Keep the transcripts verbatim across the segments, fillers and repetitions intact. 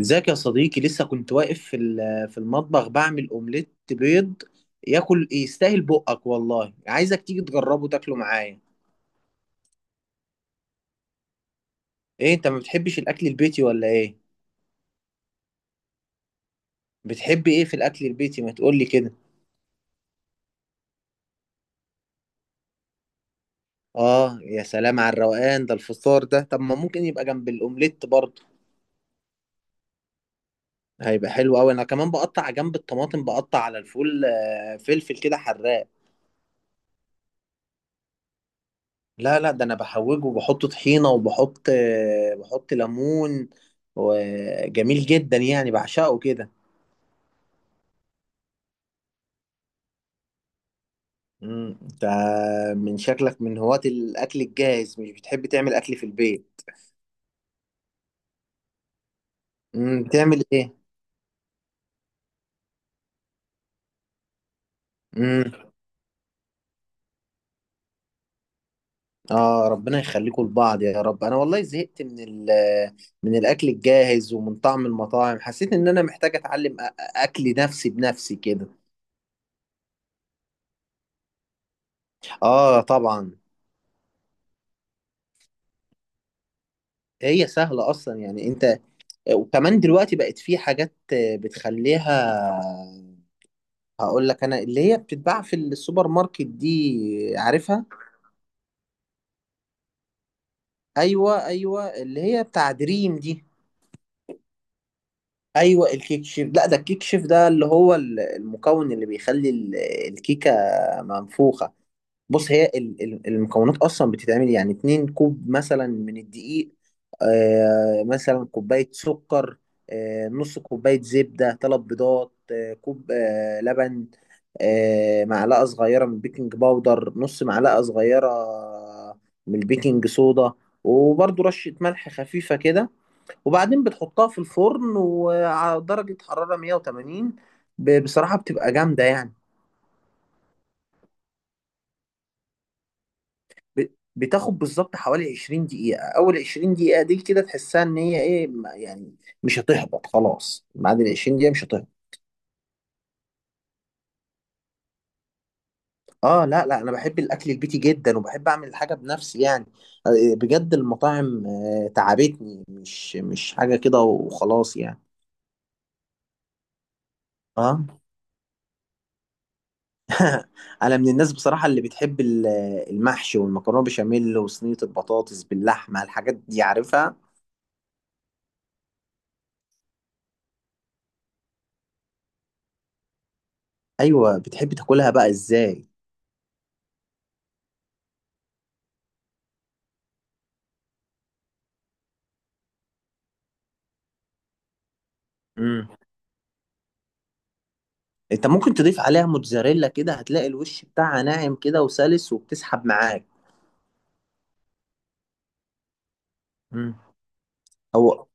ازيك يا صديقي؟ لسه كنت واقف في ال- في المطبخ بعمل اومليت بيض. ياكل يستاهل بقك والله، عايزك تيجي تجربه تاكله معايا. ايه انت ما بتحبش الاكل البيتي ولا ايه؟ بتحب ايه في الاكل البيتي، ما تقولي كده. اه، يا سلام على الروقان ده، الفطار ده طب ما ممكن يبقى جنب الاومليت برضه. هيبقى حلو قوي. انا كمان بقطع جنب الطماطم، بقطع على الفول، آه، فلفل كده حراق. لا لا، ده انا بحوجه وبحط طحينه وبحط آه، بحط ليمون، وجميل جدا يعني، بعشقه كده. امم انت من شكلك من هواة الاكل الجاهز، مش بتحب تعمل اكل في البيت. امم بتعمل ايه؟ امم اه، ربنا يخليكم لبعض يا رب. انا والله زهقت من ال من الاكل الجاهز ومن طعم المطاعم. حسيت ان انا محتاج اتعلم أ- اكل نفسي بنفسي كده. اه طبعا. هي سهله اصلا يعني. انت وكمان دلوقتي بقت في حاجات بتخليها. هقول لك انا اللي هي بتتباع في السوبر ماركت دي، عارفها. ايوه ايوه، اللي هي بتاع دريم دي. ايوه الكيك شيف. لا ده الكيك شيف ده اللي هو ال- المكون اللي بيخلي ال- الكيكه منفوخه. بص، هي ال- ال- المكونات اصلا بتتعمل يعني اتنين كوب مثلا من الدقيق، آه، مثلا كوبايه سكر، آه، نص كوبايه زبده، ثلاث بيضات، آه، كوب آه، لبن، آه، معلقة صغيرة من البيكنج باودر، نص معلقة صغيرة من البيكنج صودا، وبرضو رشة ملح خفيفة كده، وبعدين بتحطها في الفرن وعلى درجة حرارة مية وتمانين. ب- بصراحة بتبقى جامدة يعني. ب- بتاخد بالظبط حوالي عشرين دقيقة. أول عشرين دقيقة دي كده تحسها إن هي إيه ما- يعني مش هتهبط. خلاص، بعد ال عشرين دقيقة مش هتهبط. اه لا لا، انا بحب الاكل البيتي جدا وبحب اعمل الحاجه بنفسي يعني. آه، بجد المطاعم آه، تعبتني، مش مش حاجه كده وخلاص يعني. اه، انا من الناس بصراحه اللي بتحب ال- المحشي والمكرونه بشاميل وصينيه البطاطس باللحمه، الحاجات دي عارفها. ايوه، بتحب تاكلها بقى ازاي؟ امم انت ممكن تضيف عليها موتزاريلا كده، هتلاقي الوش بتاعها ناعم كده وسلس وبتسحب معاك. امم هو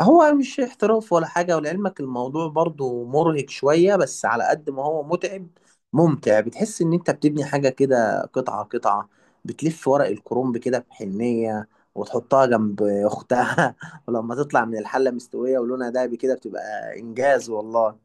هو مش احتراف ولا حاجة. ولعلمك الموضوع برضو مرهق شوية، بس على قد ما هو متعب ممتع. بتحس ان انت بتبني حاجة كده قطعة قطعة. بتلف ورق الكرنب كده بحنية وتحطها جنب اختها ولما تطلع من الحلة مستوية ولونها دهبي كده بتبقى انجاز والله.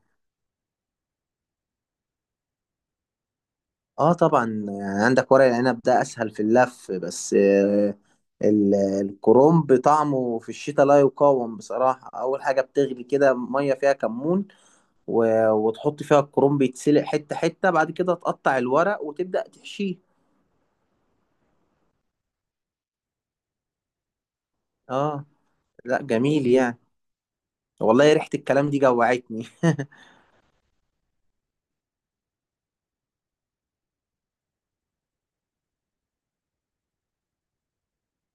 اه طبعا. يعني عندك ورق العنب ده اسهل في اللف بس، آه، ال- الكرنب طعمه في الشتاء لا يقاوم بصراحة. اول حاجة بتغلي كده مية فيها كمون و... وتحط فيها الكرنب يتسلق حتة حتة. بعد كده تقطع الورق وتبدأ تحشيه. اه، لا جميل يعني. والله ريحة الكلام دي جوعتني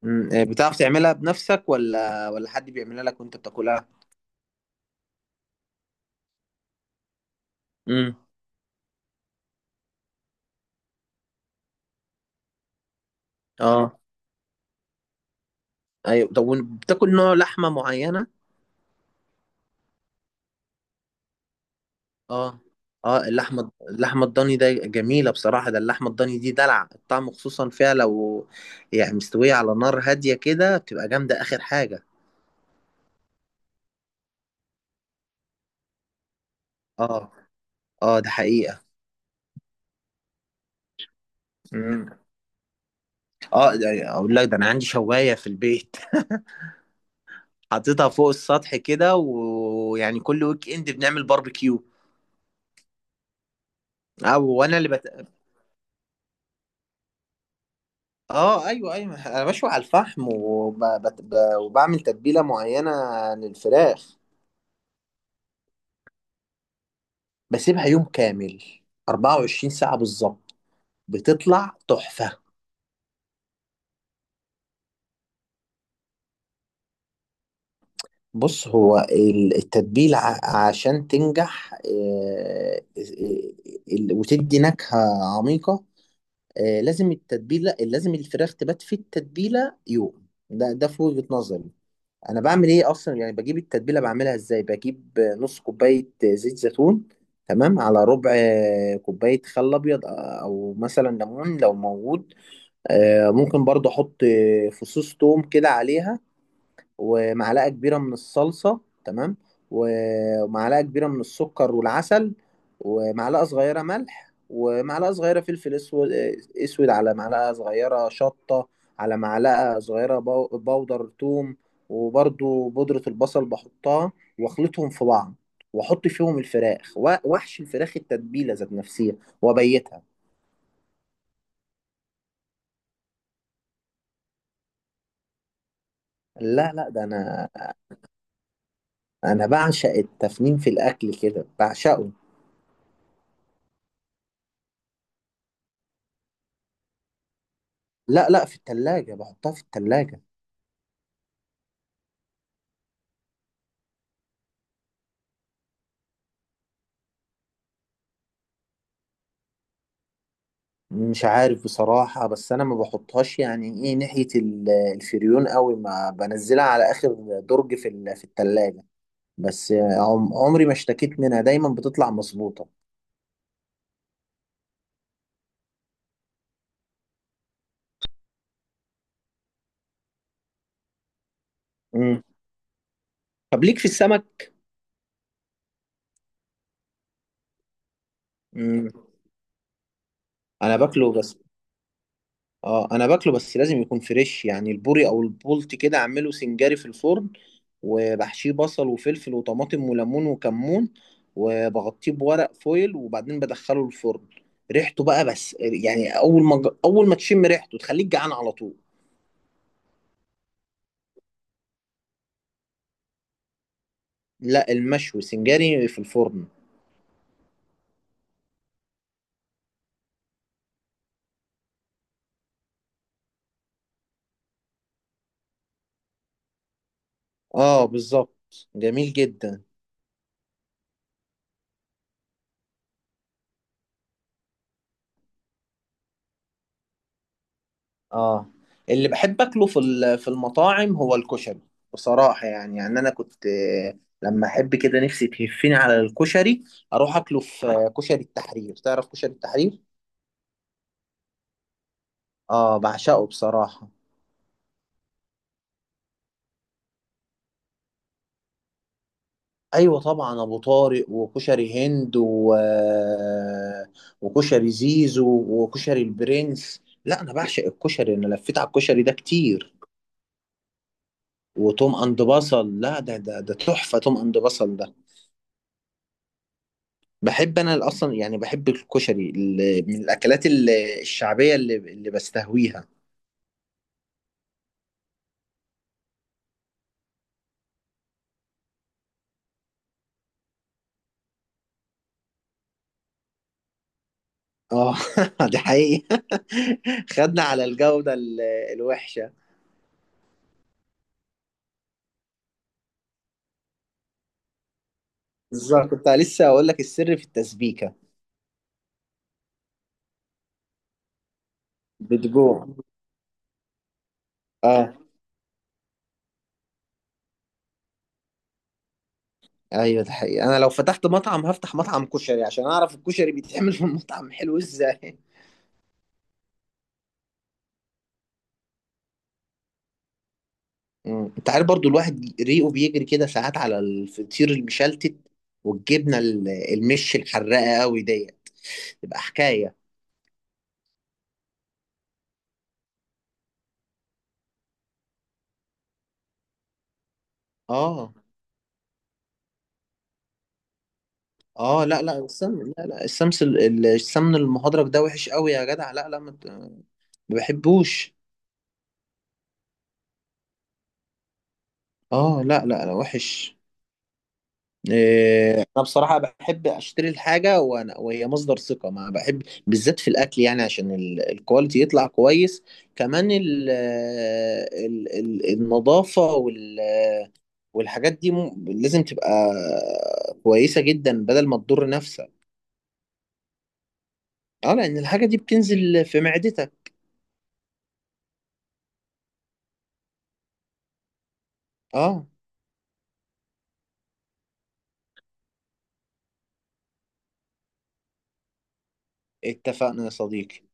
أمم، آه، بتعرف تعملها بنفسك ولا ولا حد بيعملها لك وانت بتاكلها؟ امم اه ايوه. طب وإن- بتاكل نوع لحمة معينة؟ اه اه، اللحمة اللحمة الضاني ده جميلة بصراحة. ده اللحمة الضاني دي دلع الطعم، خصوصا فيها لو يعني مستوية على نار هادية كده، بتبقى جامدة آخر حاجة. اه اه، ده حقيقة. مم. اه، ده- اقول لك، ده انا عندي شوايه في البيت حاططها فوق السطح كده ويعني كل ويك اند بنعمل باربيكيو. او، وانا اللي بت... اه ايوه ايوه، انا بشوي على الفحم وب... بت... ب... وبعمل تتبيله معينه للفراخ. بسيبها يوم كامل، اربعة وعشرين ساعه بالظبط، بتطلع تحفه. بص، هو ال- التتبيله ع- عشان تنجح، آه، آه، آه، وتدي نكهه عميقه. آه لازم التتبيله، لازم الفراخ تبات في التتبيله يوم، ده ده في وجهه نظري. انا بعمل ايه اصلا يعني؟ بجيب التتبيله، بعملها ازاي؟ بجيب آه، نص كوبايه آه، زيت زيتون تمام، على ربع آه، كوبايه خل ابيض، آه، او مثلا ليمون لو موجود، آه، ممكن برضه احط آه، فصوص توم كده عليها، ومعلقه كبيره من الصلصه تمام، ومعلقه كبيره من السكر والعسل، ومعلقه صغيره ملح، ومعلقه صغيره فلفل اسود، اسود على معلقه صغيره شطه، على معلقه صغيره بو- بودر ثوم، وبرضو بودره البصل بحطها، واخلطهم في بعض، واحط فيهم الفراخ و- واحشي الفراخ التتبيله ذات نفسها وابيتها. لا لا، ده انا انا بعشق التفنين في الاكل كده، بعشقه. لا لا، في التلاجة بحطها، في التلاجة. مش عارف بصراحة، بس أنا ما بحطهاش يعني إيه ناحية ال- الفريون قوي، ما بنزلها على آخر درج في ال- في التلاجة. بس عم- عمري ما اشتكيت منها، دايما بتطلع مظبوطة. مم. طب ليك في السمك؟ مم. أنا باكله بس. اه، انا باكله بس لازم يكون فريش، يعني البوري او البولت كده اعمله سنجاري في الفرن، وبحشيه بصل وفلفل وطماطم وليمون وكمون، وبغطيه بورق فويل وبعدين بدخله الفرن. ريحته بقى بس يعني، اول ما اول ما تشم ريحته تخليك جعان على طول. لا، المشوي سنجاري في الفرن. اه بالظبط، جميل جدا. اه، اللي بحب اكله في ال- في المطاعم هو الكشري، بصراحه يعني. يعني انا كنت، آه، لما احب كده نفسي تهفني على الكشري، اروح اكله في آه، كشري التحرير. تعرف كشري التحرير؟ اه، بعشقه بصراحه. ايوه طبعا، ابو طارق وكشري هند و... آه، وكشري زيزو وكشري البرنس. لا انا بعشق الكشري، انا لفيت على الكشري ده كتير. وتوم اند بصل، لا ده ده ده تحفه توم اند بصل ده. بحب انا اصلا يعني، بحب الكشري اللي من الاكلات ال- الشعبيه اللي اللي بستهويها. اه دي حقيقه. خدنا على الجوده ال- الوحشه. بالظبط، كنت لسه اقول لك السر في التسبيكه. بتجوع. اه ايوه، ده حقيقه. انا لو فتحت مطعم هفتح مطعم كشري، عشان اعرف الكشري بيتعمل في المطعم حلو ازاي. مم. انت عارف برضو الواحد ريقه بيجري كده ساعات على الفطير المشلتت، والجبنه ال- المش الحراقه قوي ديت، تبقى حكايه. اه اه، لا لا السمن، لا لا السمس ال- ال- السمن المهدرج ده وحش قوي يا جدع. لا لا، ما ت- ما بحبوش. اه لا لا لا، وحش. إيه، انا بصراحة بحب اشتري الحاجة وانا وهي مصدر ثقة، ما بحب بالذات في الاكل يعني عشان ال- الكواليتي يطلع كويس. كمان ال ال ال النظافة وال والحاجات دي م- لازم تبقى كويسة جدا، بدل ما تضر نفسك. اه، لان الحاجة دي بتنزل في معدتك. اه، اتفقنا يا صديقي.